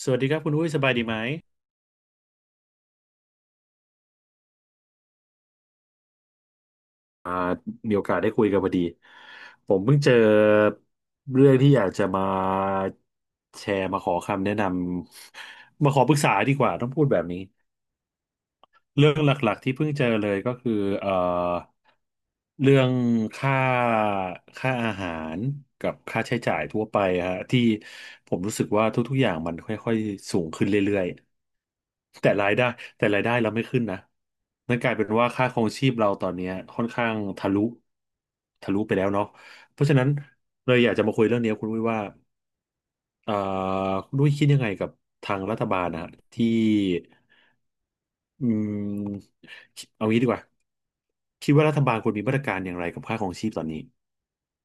สวัสดีครับคุณอุ้ยสบายดีไหมอ่ามีโอกาสได้คุยกันพอดีผมเพิ่งเจอเรื่องที่อยากจะมาแชร์มาขอคำแนะนำมาขอปรึกษาดีกว่าต้องพูดแบบนี้ เรื่องหลักๆที่เพิ่งเจอเลยก็คือเอ่อเรื่องค่าค่าอาหารกับค่าใช้จ่ายทั่วไปฮะที่ผมรู้สึกว่าทุกๆอย่างมันค่อยๆสูงขึ้นเรื่อยๆแต่รายได้เราไม่ขึ้นนะนั่นกลายเป็นว่าค่าครองชีพเราตอนเนี้ยค่อนข้างทะลุไปแล้วเนาะเพราะฉะนั้นเลยอยากจะมาคุยเรื่องนี้กับคุณด้วยว่าเอ่อคุณด้วยคิดยังไงกับทางรัฐบาลนะฮะที่ อืมเอางี้ดีกว่าคิดว่ารัฐบาลควรมีมาตรการอย่างไรกับค่าครองชีพตอนนี้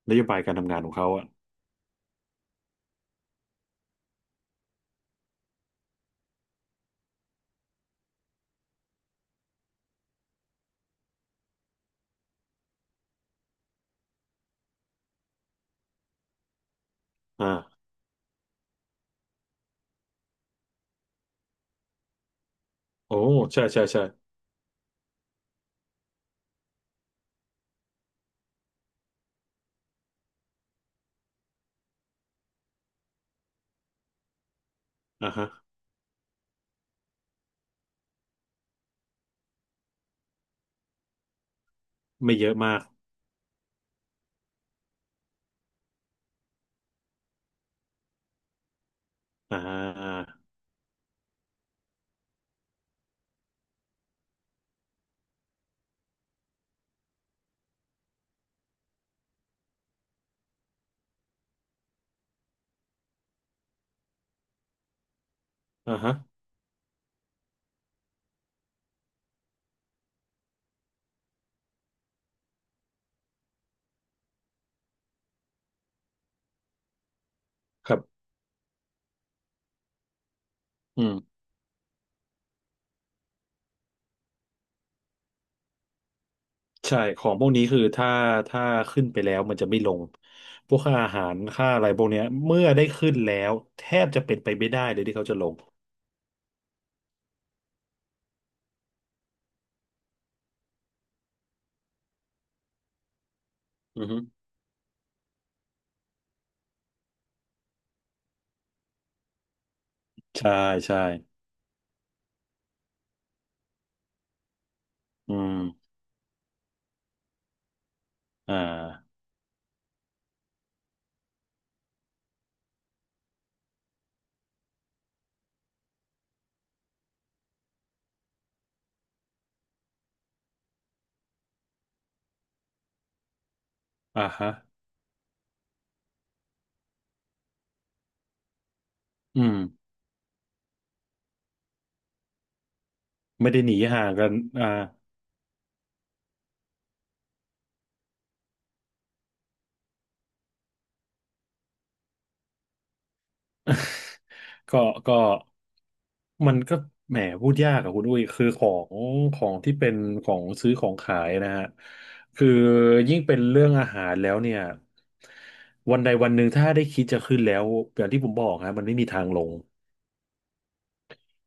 นโยบายการทำงานของเขาอ่ะอ่าโอ้ใช่ใช่ใช่อ่าฮะไม่เยอะมากอ่าอ่าฮะครับอืมใช่ของพวกนี้คือถ้าขึ้นไปแล้วมันจะไม่ลงพวกค่าอาหารค่าอะไรพวกเนี้ยเมื่อได้ขึ้นแล้วแทบจะเป็นไปไม่ได้เลยที่เขาจะลงอือฮึใช่ใช่อืมอ่าอ่าฮะอืมไม่ได้หนีห่างกันอ่า ก็ก็มันก็แหมพูดยากอะคุณอุ้ยคืองของที่เป็นของซื้อของขายนะฮะคือยิ่งเป็นเรื่องอาหารแล้วเนี่ยวันใดวันหนึ่งถ้าได้คิดจะขึ้นแล้วอย่างที่ผมบอกฮะมันไม่มีทางลง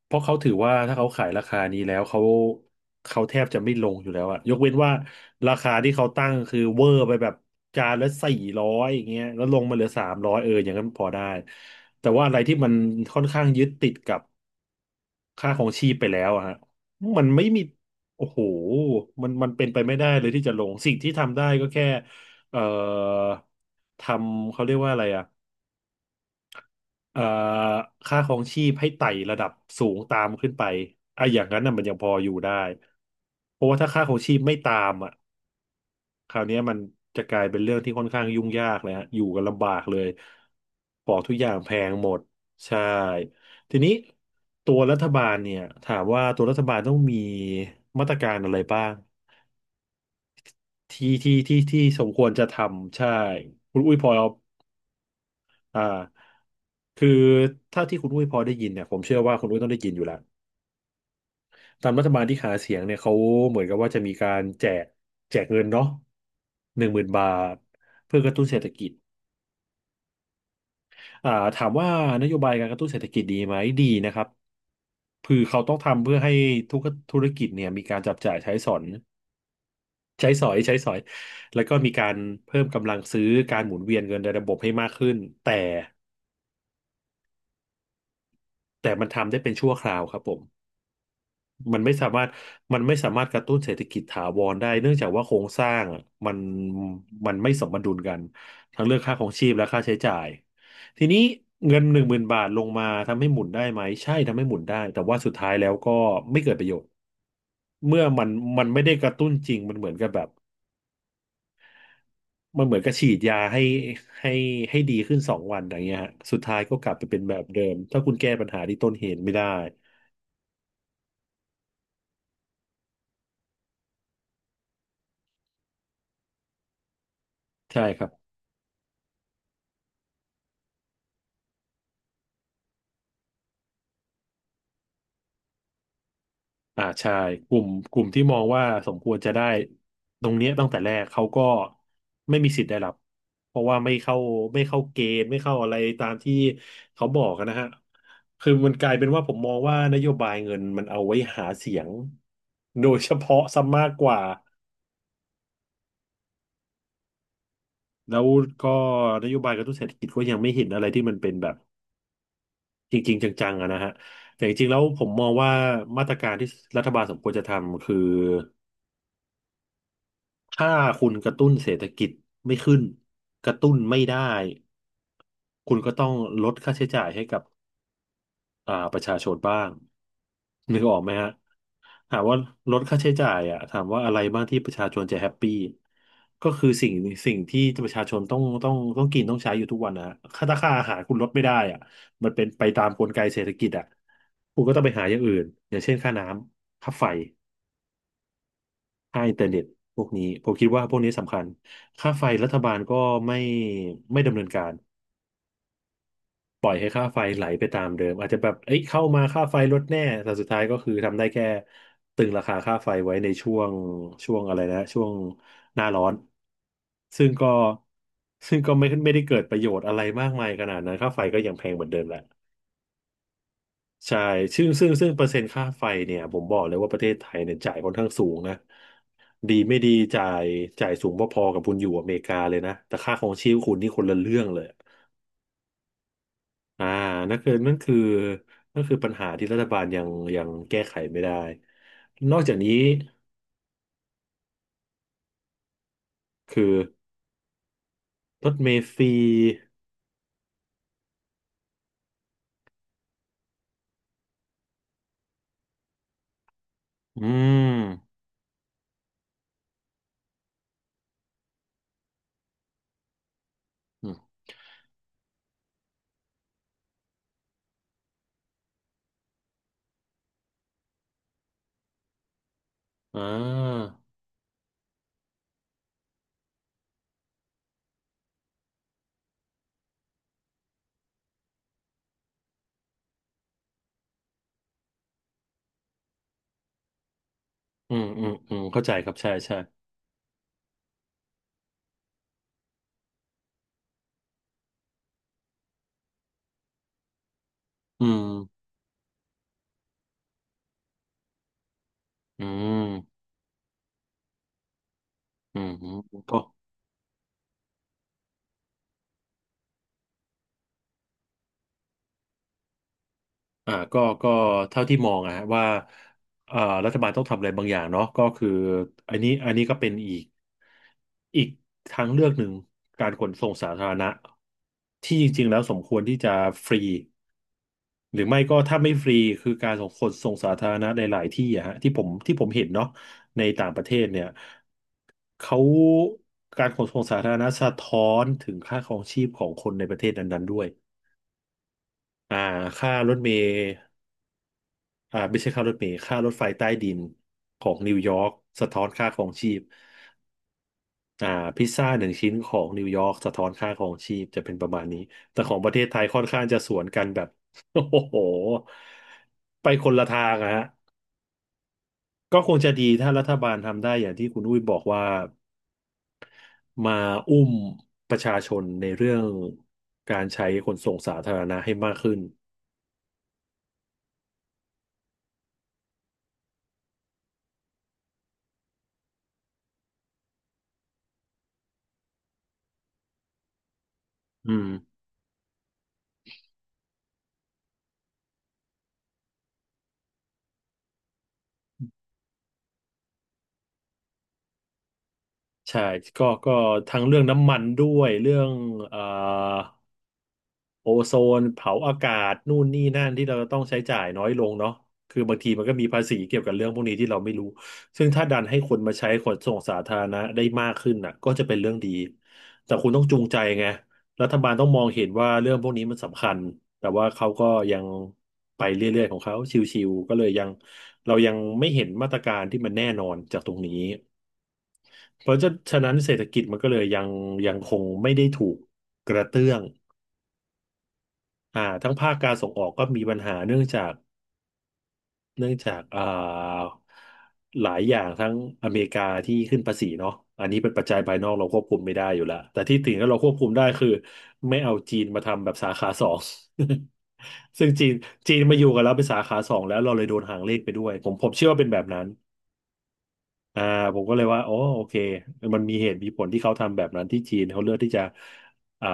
เพราะเขาถือว่าถ้าเขาขายราคานี้แล้วเขาแทบจะไม่ลงอยู่แล้วอะยกเว้นว่าราคาที่เขาตั้งคือเวอร์ไปแบบจานละ400อย่างเงี้ยแล้วลงมาเหลือ300เอออย่างนั้นพอได้แต่ว่าอะไรที่มันค่อนข้างยึดติดกับค่าของชีพไปแล้วอะฮะมันไม่มีโอ้โหมันเป็นไปไม่ได้เลยที่จะลงสิ่งที่ทำได้ก็แค่เอ่อทำเขาเรียกว่าอะไรอะ เอ่อค่าครองชีพให้ไต่ระดับสูงตามขึ้นไปอ่ะอย่างนั้นน่ะมันยังพออยู่ได้เพราะว่าถ้าค่าครองชีพไม่ตามอ่ะคราวเนี้ยมันจะกลายเป็นเรื่องที่ค่อนข้างยุ่งยากเลยฮะอยู่กันลำบากเลยของทุกอย่างแพงหมดใช่ทีนี้ตัวรัฐบาลเนี่ยถามว่าตัวรัฐบาลต้องมีมาตรการอะไรบ้างที่สมควรจะทำใช่คุณอุ้ยพออ่าคือถ้าที่คุณอุ้ยพอได้ยินเนี่ยผมเชื่อว่าคุณอุ้ยต้องได้ยินอยู่แล้ว ตามรัฐบาลที่หาเสียงเนี่ยเขาเหมือนกับว่าจะมีการแจกเงินเนาะหนึ่งหมื่นบาทเพื่อกระตุ้นเศรษฐกิจอ่าถามว่านโยบายการกระตุ้นเศรษฐกิจดีไหมดีนะครับคือเขาต้องทำเพื่อให้ทุกธุรกิจเนี่ยมีการจับจ่ายใช้สอยใช้สอยใช้สอยแล้วก็มีการเพิ่มกำลังซื้อการหมุนเวียนเงินในระบบให้มากขึ้นแต่แต่มันทำได้เป็นชั่วคราวครับผม มันไม่สามารถมันไม่สามารถกระตุ้นเศรษฐกิจถาวรได้เนื่องจากว่าโครงสร้างอะมันมันไม่สมดุลกันทั้งเรื่องค่าของชีพและค่าใช้จ่ายทีนี้เงินหนึ่งหมื่นบาทลงมาทำให้หมุนได้ไหมใช่ทำให้หมุนได้แต่ว่าสุดท้ายแล้วก็ไม่เกิดประโยชน์เมื่อมันไม่ได้กระตุ้นจริงมันเหมือนกับแบบมันเหมือนกับฉีดยาให้ให้ดีขึ้น2 วันอย่างเงี้ยฮะสุดท้ายก็กลับไปเป็นแบบเดิมถ้าคุณแก้ปัญหาที่ต้นเหตุไม่ได้ใช่ครับ อ่าใช่กลุ่มที่มองว่าสมควรจะได้ตรงเนี้ยตั้งแต่แรกเขาก็ไม่มีสิทธิ์ได้รับเพราะว่าไม่เข้าเกณฑ์ไม่เข้าอะไรตามที่เขาบอกกันนะฮะคือมันกลายเป็นว่าผมมองว่านโยบายเงินมันเอาไว้หาเสียงโดยเฉพาะซะมากกว่าแล้วก็นโยบายกระตุ้นเศรษฐกิจก็ยังไม่เห็นอะไรที่มันเป็นแบบจริงๆจังๆอะนะฮะแต่จริงๆแล้วผมมองว่ามาตรการที่รัฐบาลสมควรจะทำคือ ถ้าคุณกระตุ้นเศรษฐกิจไม่ขึ้นกระตุ้นไม่ได้คุณก็ต้องลดค่าใช้จ่ายให้กับประชาชนบ้างนึกออกไหมฮะถามว่าลดค่าใช้จ่ายอ่ะถามว่าอะไรบ้างที่ประชาชนจะแฮปปี้ก็คือสิ่งที่ประชาชนต้องกินต้องใช้อยู่ทุกวันนะฮะค่าราคาอาหารคุณลดไม่ได้อ่ะมันเป็นไปตามกลไกเศรษฐกิจอ่ะคุณก็ต้องไปหาอย่างอื่นอย่างเช่นค่าน้ำค่าไฟ ค่าอินเทอร์เน็ตพวกนี้ผมคิดว่าพวกนี้สำคัญค่าไฟรัฐบาลก็ไม่ไม่ดำเนินการปล่อยให้ค่าไฟไหลไปตามเดิมอาจจะแบบเอ้ยเข้ามาค่าไฟลดแน่แต่สุดท้ายก็คือทำได้แค่ตึงราคาค่าไฟไว้ในช่วงช่วงอะไรนะช่วงหน้าร้อนซึ่งก็ซึ่งก็ไม่ได้เกิดประโยชน์อะไรมากมายขนาดนั้นค่าไฟก็ยังแพงเหมือนเดิมแหละ ใช่ซึ่งเปอร์เซ็นต์ค่าไฟเนี่ยผมบอกเลยว่าประเทศไทยเนี่ยจ่ายค่อนข้างสูงนะดีไม่ดีจ่ายจ่ายสูงพอๆกับคุณอยู่อเมริกาเลยนะแต่ค่าของชีพคุณนี่คนละเรื่องเลยอ่านั่นคือนั่นคือนั่นคือปัญหาที่รัฐบาลยังแก้ไขไม่ได้นอกจากนี้คือรถเมล์ฟรีอืมอืมอ่าอืมอืมอืมเข้าใจครับใช่ใช่อืมอืมอืมก็ ก็เท่าที่มองอะฮะว่าเอ่อรัฐบาลต้องทำอะไรบางอย่างเนาะก็คืออันนี้ก็เป็นอีกทางเลือกหนึ่งการขนส่งสาธารณะที่จริงๆแล้วสมควรที่จะฟรีหรือไม่ก็ถ้าไม่ฟรีคือการส่งขนส่งสาธารณะในหลายที่อะฮะที่ผมเห็นเนาะในต่างประเทศเนี่ยเขาการขนส่งสาธารณะสะท้อนถึงค่าครองชีพของคนในประเทศนั้นๆด้วยอ่าค่ารถเมล์ อ่าไม่ใช่ค่ารถเมล์ค่ารถไฟใต้ดินของนิวยอร์กสะท้อนค่าของชีพอ่าพิซซ่าหนึ่งชิ้นของนิวยอร์กสะท้อนค่าของชีพจะเป็นประมาณนี้แต่ของประเทศไทยค่อนข้างจะสวนกันแบบ โอ้โหไปคนละทางอะฮะก็คงจะดีถ้ารัฐบาลทำได้อย่างที่คุณอุ้ยบอกว่ามาอุ้มประชาชนในเรื่องการใช้ขนส่งสาธารณะให้มากขึ้นอืมใช่ก็ทั้งเรื่องน้ำมันด้วยเรื่องเอ่อ โอโซนเผาอากาศนู่นนี่นั่นที่เราต้องใช้จ่ายน้อยลงเนาะคือบางทีมันก็มีภาษีเกี่ยวกับเรื่องพวกนี้ที่เราไม่รู้ซึ่งถ้าดันให้คนมาใช้ขนส่งสาธารณะได้มากขึ้นน่ะก็จะเป็นเรื่องดีแต่คุณต้องจูงใจไงรัฐบาลต้องมองเห็นว่าเรื่องพวกนี้มันสำคัญแต่ว่าเขาก็ยังไปเรื่อยๆของเขาชิวๆก็เลยยังเรายังไม่เห็นมาตรการที่มันแน่นอนจากตรงนี้เพราะฉะนั้นเศรษฐกิจมันก็เลยยังคงไม่ได้ถูกกระเตื้อง ทั้งภาคการส่งออกก็มีปัญหาเนื่องจากหลายอย่างทั้งอเมริกาที่ขึ้นภาษีเนาะอันนี้เป็นปัจจัยภายนอกเราควบคุมไม่ได้อยู่แล้วแต่ที่ถึงแล้วเราควบคุมได้คือไม่เอาจีนมาทำแบบสาขาสอง ซึ่งจีนจีนมาอยู่กับเราเป็นสาขาสองแล้วเราเลยโดนหางเลขไปด้วยผมเชื่อว่าเป็นแบบนั้น อ่าผมก็เลยว่าอ๋อโอเคมันมีเหตุมีผลที่เขาทำแบบนั้นที่จีนเขาเลือกที่จะอ่า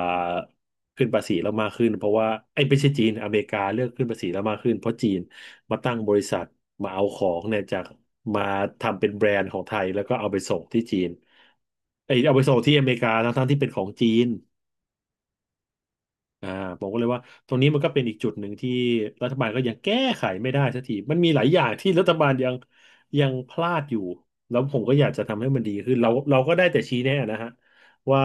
ขึ้นภาษีแล้วมากขึ้นเพราะว่าไอ้ยไม่ใช่จีนอเมริกาเลือกขึ้นภาษีแล้วมากขึ้นเพราะจีนมาตั้งบริษัทมาเอาของเนี่ยจากมาทำเป็นแบรนด์ของไทยแล้วก็เอาไปส่งที่จีนไอ้ยเอาไปส่งที่อเมริกาทั้งๆที่เป็นของจีน อ่าผมก็เลยว่าตรงนี้มันก็เป็นอีกจุดหนึ่งที่รัฐบาลก็ยังแก้ไขไม่ได้สักทีมันมีหลายอย่างที่รัฐบาลยังพลาดอยู่แล้วผมก็อยากจะทำให้มันดีขึ้นเราก็ได้แต่ชี้แนะนะฮะว่า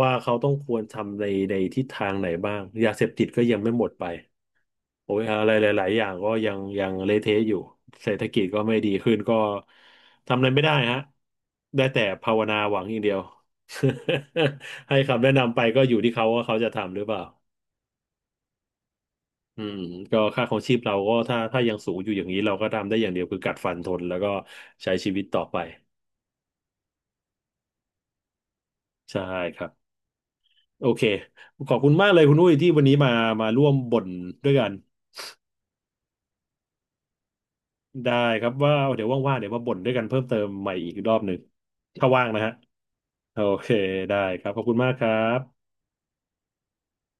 ว่าเขาต้องควรทำในทิศทางไหนบ้างยาเสพติดก็ยังไม่หมดไปโอ้ยอะไรหลายๆอย่างก็ยังเละเทะอยู่เศรษฐกิจก็ไม่ดีขึ้นก็ทำอะไรไม่ได้ฮะได้แต่ภาวนาหวังอย่างเดียว ให้คำแนะนำไปก็อยู่ที่เขาว่าเขาจะทำหรือเปล่า อืมก็ค่าของชีพเราก็ถ้ายังสูงอยู่อย่างนี้เราก็ทำได้อย่างเดียวคือกัดฟันทนแล้วก็ใช้ชีวิตต่อไปใช่ครับโอเคขอบคุณมากเลยคุณอุ้ยที่วันนี้มาร่วมบ่นด้วยกันได้ครับว่าเดี๋ยวว่างๆเดี๋ยวมาบ่นด้วยกันเพิ่มเติมใหม่อีกรอบหนึ่งถ้าว่างนะฮะโอเคได้ครับขอบคุณมากครับ